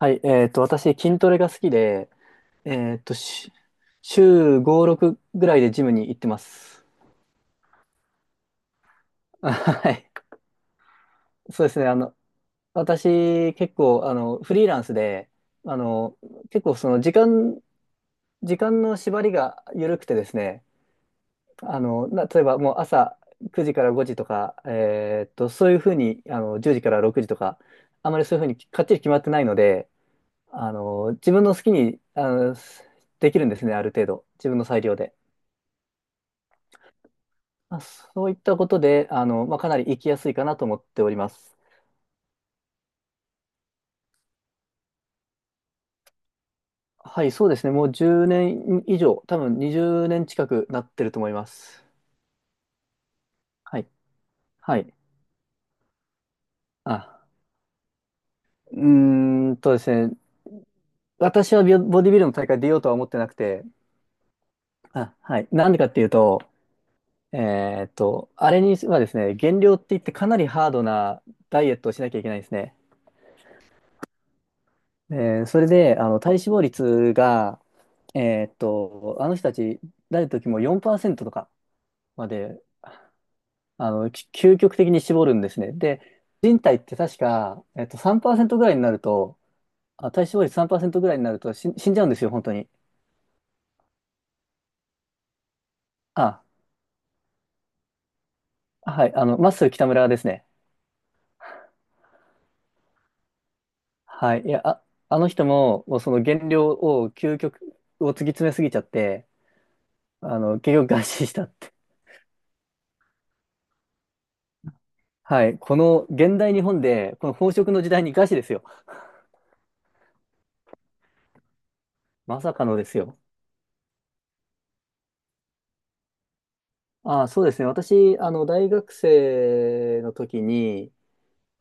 はい、私、筋トレが好きで、えっと、し週5、6ぐらいでジムに行ってます。あ、はい。そうですね。私、結構、フリーランスで、あの、結構、その、時間、時間の縛りが緩くてですね、例えば、もう朝9時から5時とか、そういうふうに、10時から6時とか、あまりそういうふうにかっちり決まってないので、自分の好きに、できるんですね、ある程度。自分の裁量で。まあ、そういったことで、まあ、かなり行きやすいかなと思っております。はい、そうですね。もう10年以上、多分20年近くなってると思います。はい。はい。あ、うーん、ですね。私はボディビルの大会出ようとは思ってなくて、あ、はい。なんでかっていうと、あれにはですね、減量って言ってかなりハードなダイエットをしなきゃいけないんですね。それで、体脂肪率が、あの人たち、誰の時も4%とかまで究極的に絞るんですね。で、人体って確か、3%ぐらいになると、あ、体脂肪率3%ぐらいになると死んじゃうんですよ、本当に。あ、はい、マッスル北村ですね。はい、あの人も、もうその減量を、究極を突き詰めすぎちゃって、結局餓死したって。はい、この現代日本で、この飽食の時代に餓死ですよ。まさかのですよ。あ、そうですね。私、大学生の時に、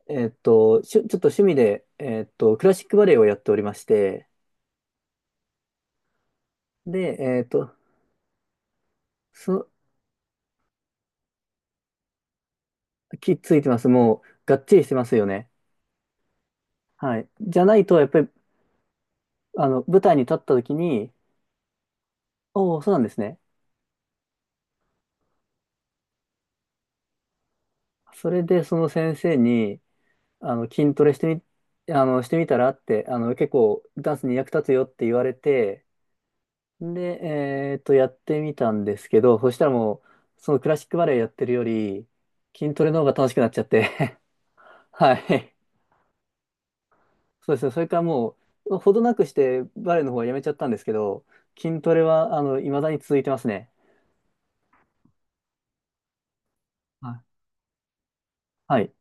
ちょっと趣味で、クラシックバレエをやっておりまして、で、そ、きついてます。もう、がっちりしてますよね。はい。じゃないと、やっぱり、舞台に立った時に、おお、そうなんですね。それで、その先生に、あの、筋トレしてみ、あの、してみたらって、結構、ダンスに役立つよって言われて、で、やってみたんですけど、そしたらもう、そのクラシックバレエやってるより、筋トレの方が楽しくなっちゃって、はい。そうですね。それからもう、ほどなくしてバレエの方はやめちゃったんですけど、筋トレは、未だに続いてますね。はい。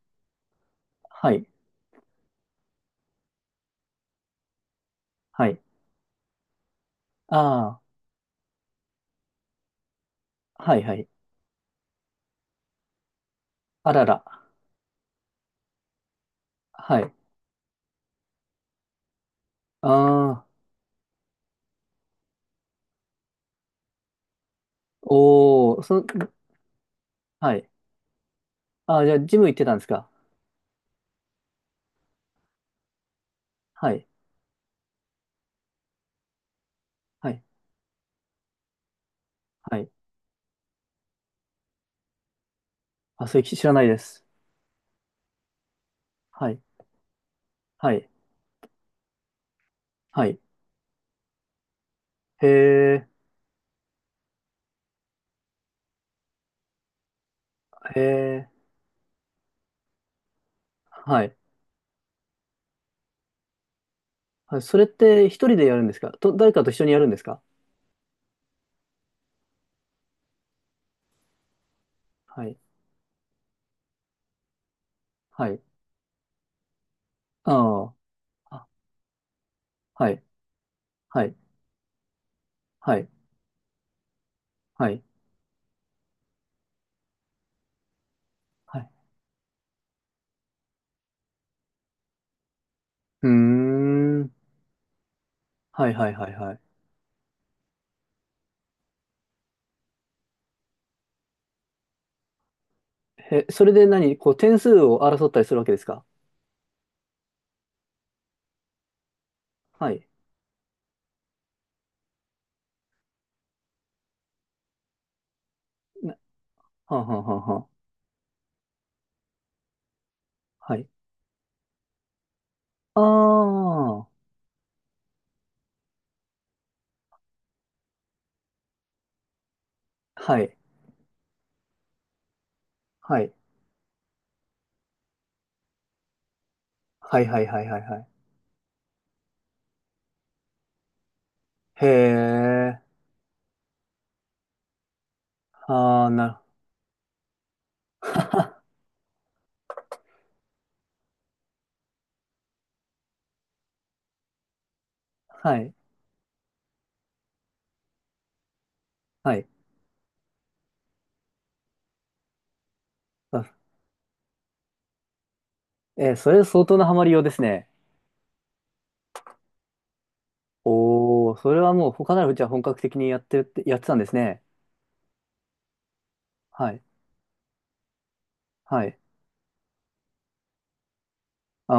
はい。はい。ああー。はい。はい。あらら。はい。ああ。おー。そ、はい。ああ、じゃあ、ジム行ってたんですか。はい。はい。はい。あ、それ知らないです。はい。はい。はい。へえ。へえ。はい。あ、それって一人でやるんですか、と、誰かと一緒にやるんですか？はい。はい。ああ。あ、はい。はい。はい。はい。はい。うーん。はいはいはいはい。え、それで何こう点数を争ったりするわけですか？はい。な、はんはんはんはん。はい。ああ。はい。はい。はいはいはいはいはい。へえ。ああ、なる。はい。はい。あ、えー、それ相当なハマりようですね。おお、それはもう他ならじゃあ本格的にやってるって、やってたんですね。はい。はい。あ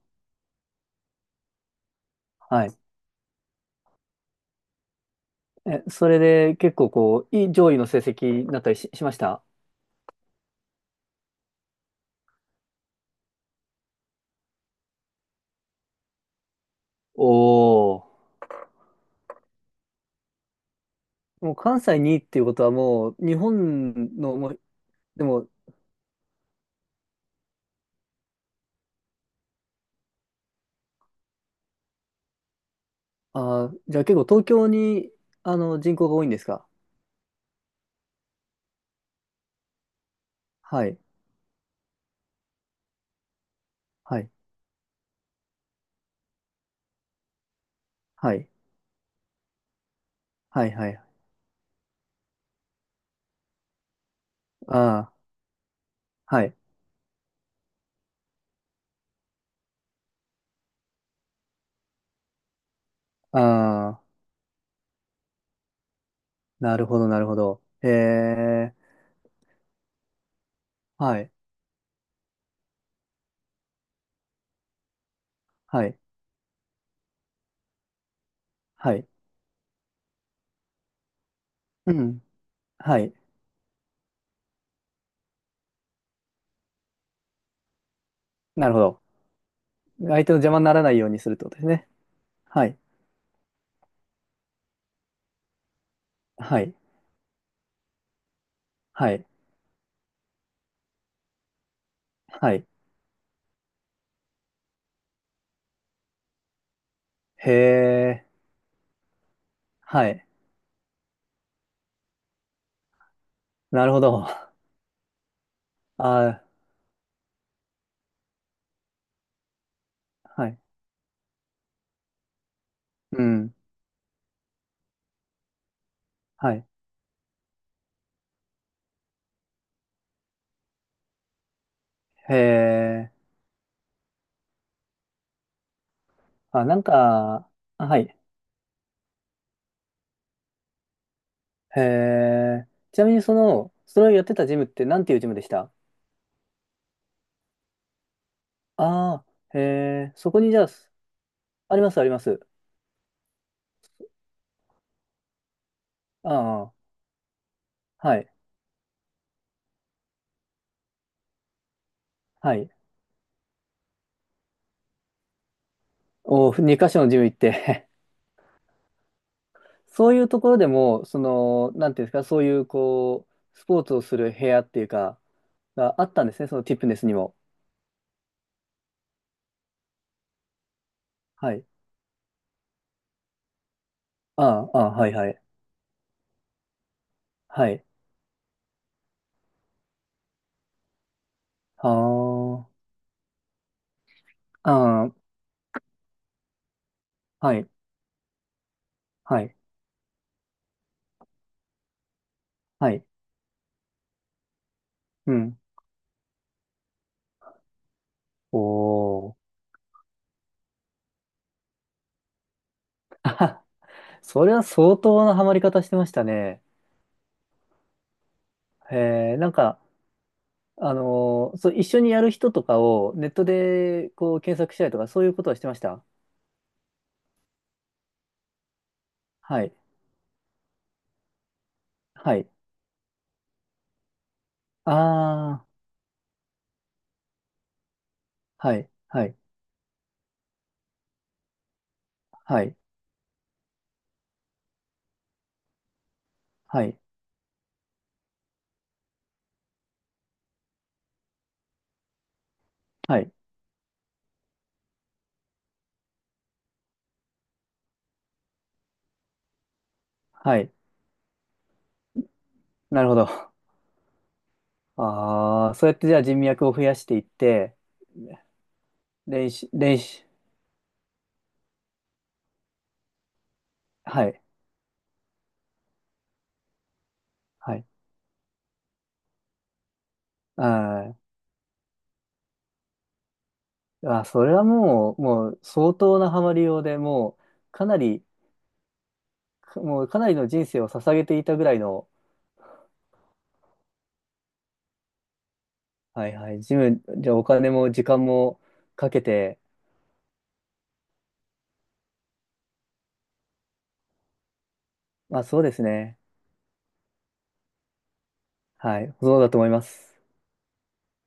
あ。はい。え、それで結構こう、いい上位の成績になったりし、しました？おおー。もう関西にいっていうことはもう、日本の、もう、でも、あー、じゃあ結構東京に、人口が多いんですか？はい。はい。はい。はい。はい。ああ、はい。ああ、なるほど、なるほど。へえ、はい。はい。はい。うん。はい。なるほど。相手の邪魔にならないようにするってことですね。はい。はい。はい。はい。へえ、はい。なるほど。あ、はい。うん。はい。へえ。あ、なんか、あ、はい。へえ。ちなみにその、それをやってたジムってなんていうジムでした？ああー、へえ。そこにじゃあ、あります、あります。ああ、はい。はい。お、2箇所のジム行って？ そういうところでも、その、なんていうんですか、そういう、こう、スポーツをする部屋っていうか、があったんですね、そのティップネスにも。はい。ああ、ああ、はい、はい。はい。ああ、ああ、はい。はい。はい。うん。おー。あはは。それは相当なハマり方してましたね。えー、なんか、あのーそう、一緒にやる人とかをネットでこう検索したりとか、そういうことはしてました？はい。はい。ああ、はい。はい。はい。はい。はい。はい。なるほど。ああ、そうやってじゃあ人脈を増やしていって、練習、練習、はい。はい。あー。あー、それはもう、もう相当なハマりようで、もう、かなり、か、もうかなりの人生を捧げていたぐらいの、はいはい、ジム、じゃあお金も時間もかけて、まあそうですね。はい、そうだと思います。